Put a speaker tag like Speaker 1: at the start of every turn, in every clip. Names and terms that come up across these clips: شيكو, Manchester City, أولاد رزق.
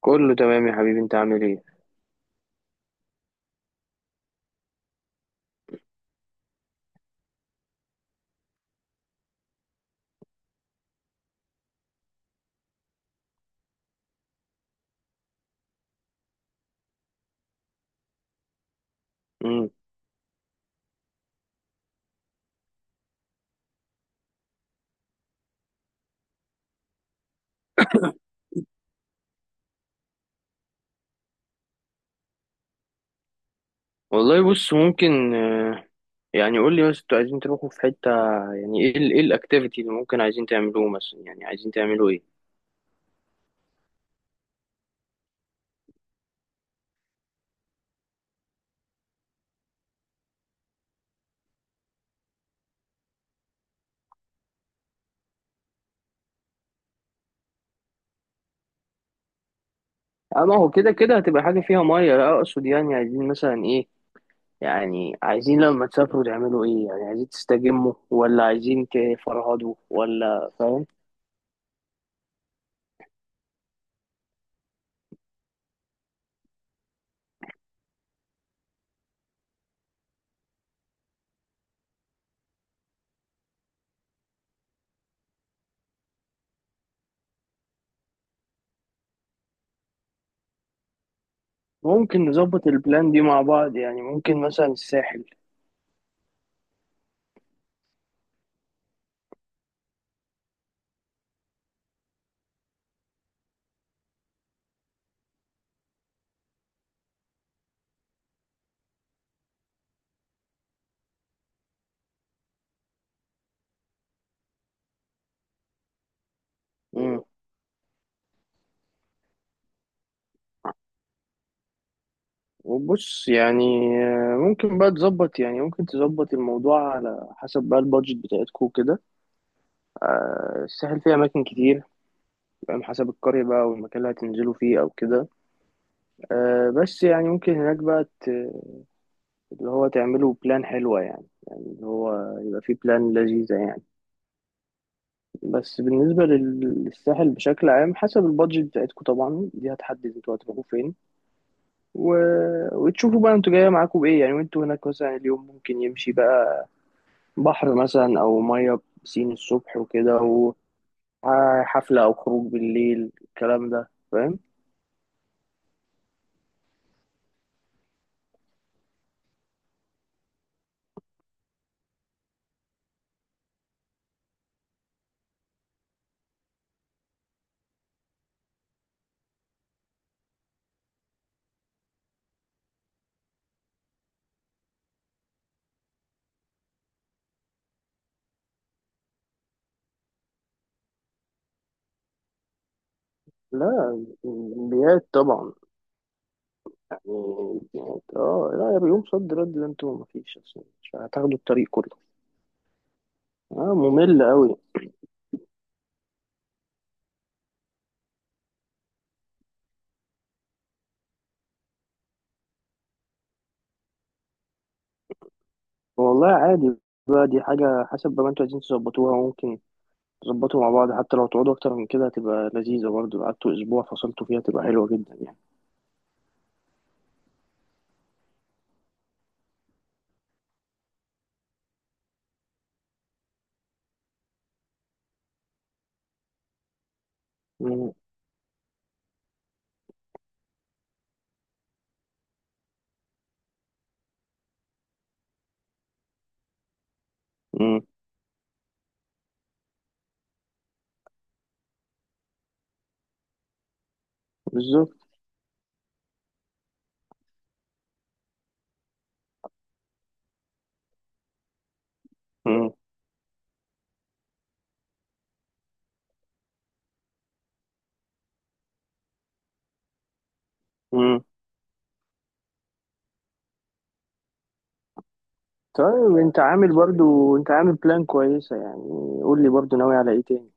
Speaker 1: كله تمام يا حبيبي، انت عامل ايه؟ امم. والله بص ممكن، يعني قول لي بس انتوا عايزين تروحوا في حتة. يعني ايه ايه الاكتيفيتي اللي ممكن عايزين تعملوه مثلا، يعني عايزين تعملوا ايه؟ اه، ما هو كده كده هتبقى حاجة فيها مية، لا اقصد يعني عايزين مثلا ايه؟ يعني عايزين لما تسافروا تعملوا ايه؟ يعني عايزين تستجموا ولا عايزين تفرهدوا ولا؟ فاهم؟ ممكن نظبط البلان دي مع بعض، يعني ممكن مثلا الساحل. وبص يعني، ممكن بقى تظبط، يعني ممكن تظبط الموضوع على حسب بقى البادجت بتاعتكو كده. الساحل فيه أماكن كتير. فاهم، حسب القرية بقى، والمكان اللي هتنزلوا فيه أو كده. بس يعني ممكن هناك بقى اللي هو تعملوا بلان حلوة، يعني يعني اللي هو يبقى فيه بلان لذيذة يعني. بس بالنسبة للساحل بشكل عام، حسب البادجت بتاعتكو طبعا، دي هتحدد انتوا هتروحوا فين و... وتشوفوا بقى انتوا جاية معاكوا بإيه، يعني وانتوا هناك مثلا، اليوم ممكن يمشي بقى بحر مثلا او ميه، بسين الصبح وكده، وحفله او خروج بالليل، الكلام ده، فاهم؟ لا، انبيات طبعا، يعني اه، لا يا، بيوم صد رد ده انتوا مفيش اصلا، مش هتاخدوا الطريق كله. اه، ممل قوي. والله عادي. بقى دي حاجه، حسب بقى ما انتوا عايزين تظبطوها، ممكن تظبطوا مع بعض. حتى لو تقعدوا اكتر من كده هتبقى لذيذه برضه. لو قعدتوا اسبوع فصلتوا فيها تبقى حلوه جدا يعني. مم. مم. بالظبط. مم. مم. طيب انت عامل بلان كويسة يعني. قول لي برضو، ناوي على ايه تاني؟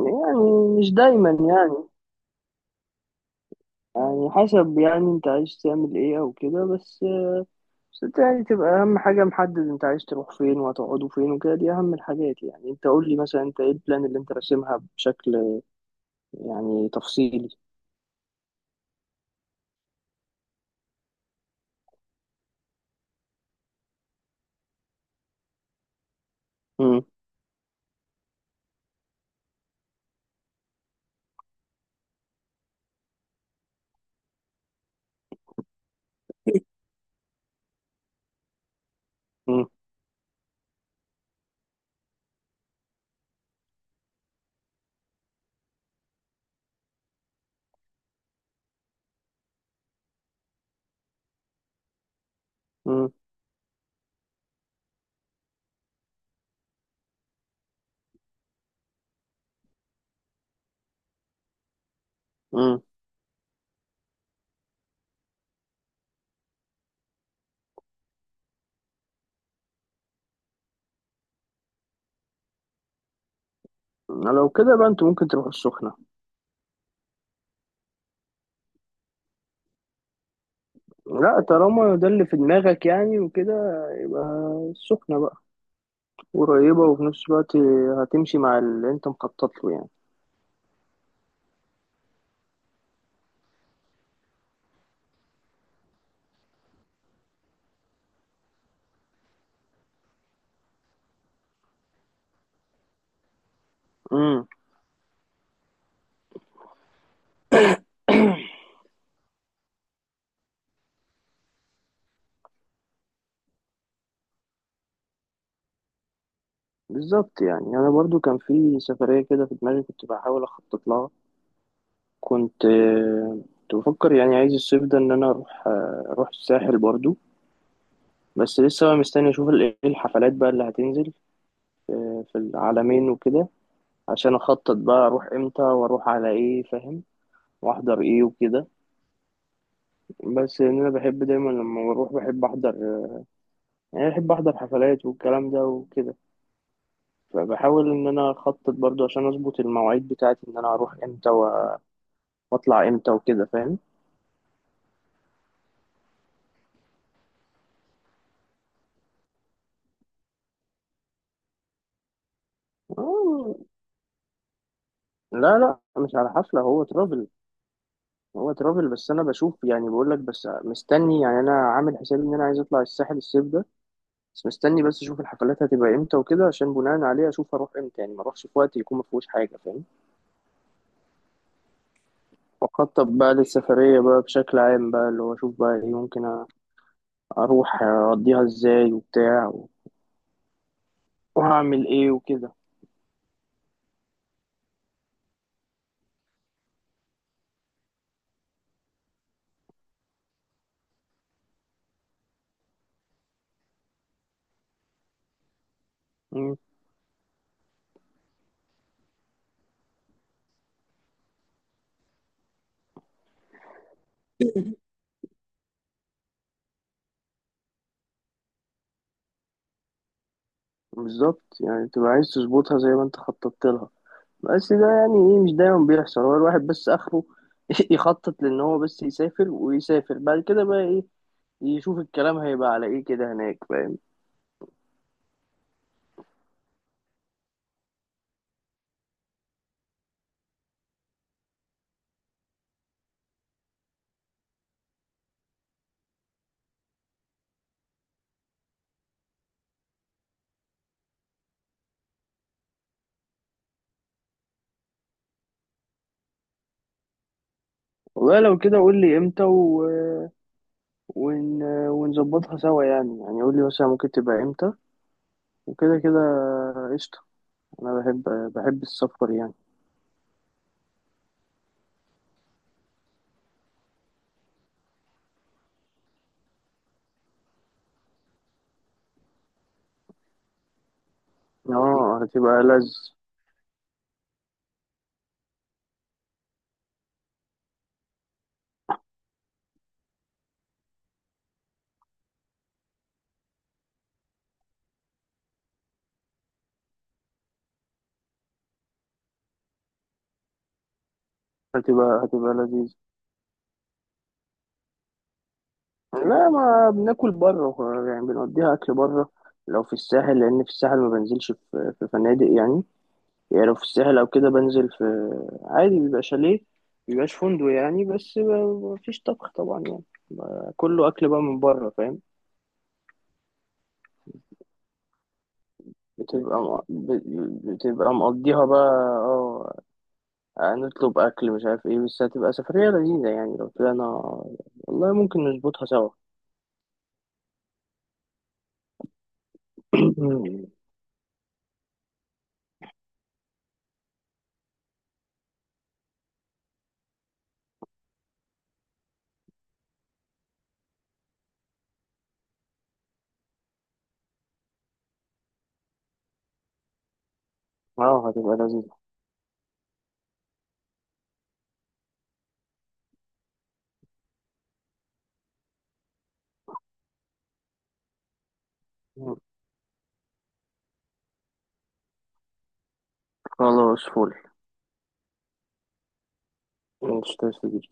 Speaker 1: يعني، مش دايما يعني. يعني حسب، يعني انت عايز تعمل ايه او كده، بس. بس انت يعني تبقى اهم حاجة محدد انت عايز تروح فين، وهتقعدوا فين وكده. دي اهم الحاجات، يعني انت قول لي مثلا انت ايه البلان اللي انت راسمها بشكل يعني تفصيلي. مم. مم. مم. مم. لو كده بقى انت ممكن تروح السخنة. لا، طالما ده اللي في دماغك يعني وكده، يبقى السخنة بقى قريبة، وفي نفس الوقت هتمشي مع اللي انت مخطط له يعني. امم. بالظبط، يعني انا برضو كان في سفرية كده في دماغي كنت بحاول اخطط لها. كنت بفكر يعني عايز الصيف ده ان انا اروح، اروح الساحل برضو. بس لسه بقى مستني اشوف ايه الحفلات بقى اللي هتنزل في العالمين وكده، عشان اخطط بقى اروح امتى واروح على ايه، فاهم؟ واحضر ايه وكده. بس ان انا بحب دايما لما بروح بحب احضر، يعني بحب احضر حفلات والكلام ده وكده. فبحاول ان انا اخطط برضو عشان اظبط المواعيد بتاعتي، ان انا اروح امتى واطلع امتى وكده، فاهم؟ آه، لا، لا، مش على حفلة، هو ترافل. هو ترافل، بس انا بشوف، يعني بقول لك، بس مستني، يعني انا عامل حسابي ان انا عايز اطلع الساحل الصيف ده. بس مستني، بس اشوف الحفلات هتبقى امتى وكده، عشان بناء عليه اشوف اروح امتى، يعني ما اروحش في وقت يكون ما فيهوش حاجة، فاهم؟ واخطط بقى للسفرية بقى بشكل عام، بقى اللي هو اشوف بقى ايه ممكن اروح اقضيها ازاي وبتاع، وهعمل ايه وكده. مم. بالظبط، يعني تبقى عايز تظبطها زي ما انت خططت لها. بس ده يعني ايه مش دايما بيحصل. هو الواحد بس اخره يخطط، لان هو بس يسافر ويسافر بعد كده بقى ايه يشوف الكلام هيبقى على ايه كده هناك، فاهم؟ والله لو كده قول لي امتى ون... ونظبطها سوا، يعني يعني قول لي مثلا ممكن تبقى امتى وكده كده. قشطة. انا بحب السفر يعني. اه، هتبقى لذيذة. لا، ما بناكل بره، يعني بنوديها اكل بره لو في الساحل، لان في الساحل ما بنزلش في فنادق يعني. يعني لو في الساحل او كده بنزل في، عادي بيبقى شاليه، مبيبقاش فندق يعني، بس مفيش طبخ طبعا يعني، كله اكل بقى من بره، فاهم. بتبقى مقضيها بقى. اه، نطلب اكل مش عارف ايه، بس هتبقى سفرية لذيذة يعني لو طلعنا. والله ممكن نظبطها سوا. اه، هتبقى لذيذة. خلاص، فل. Manchester City.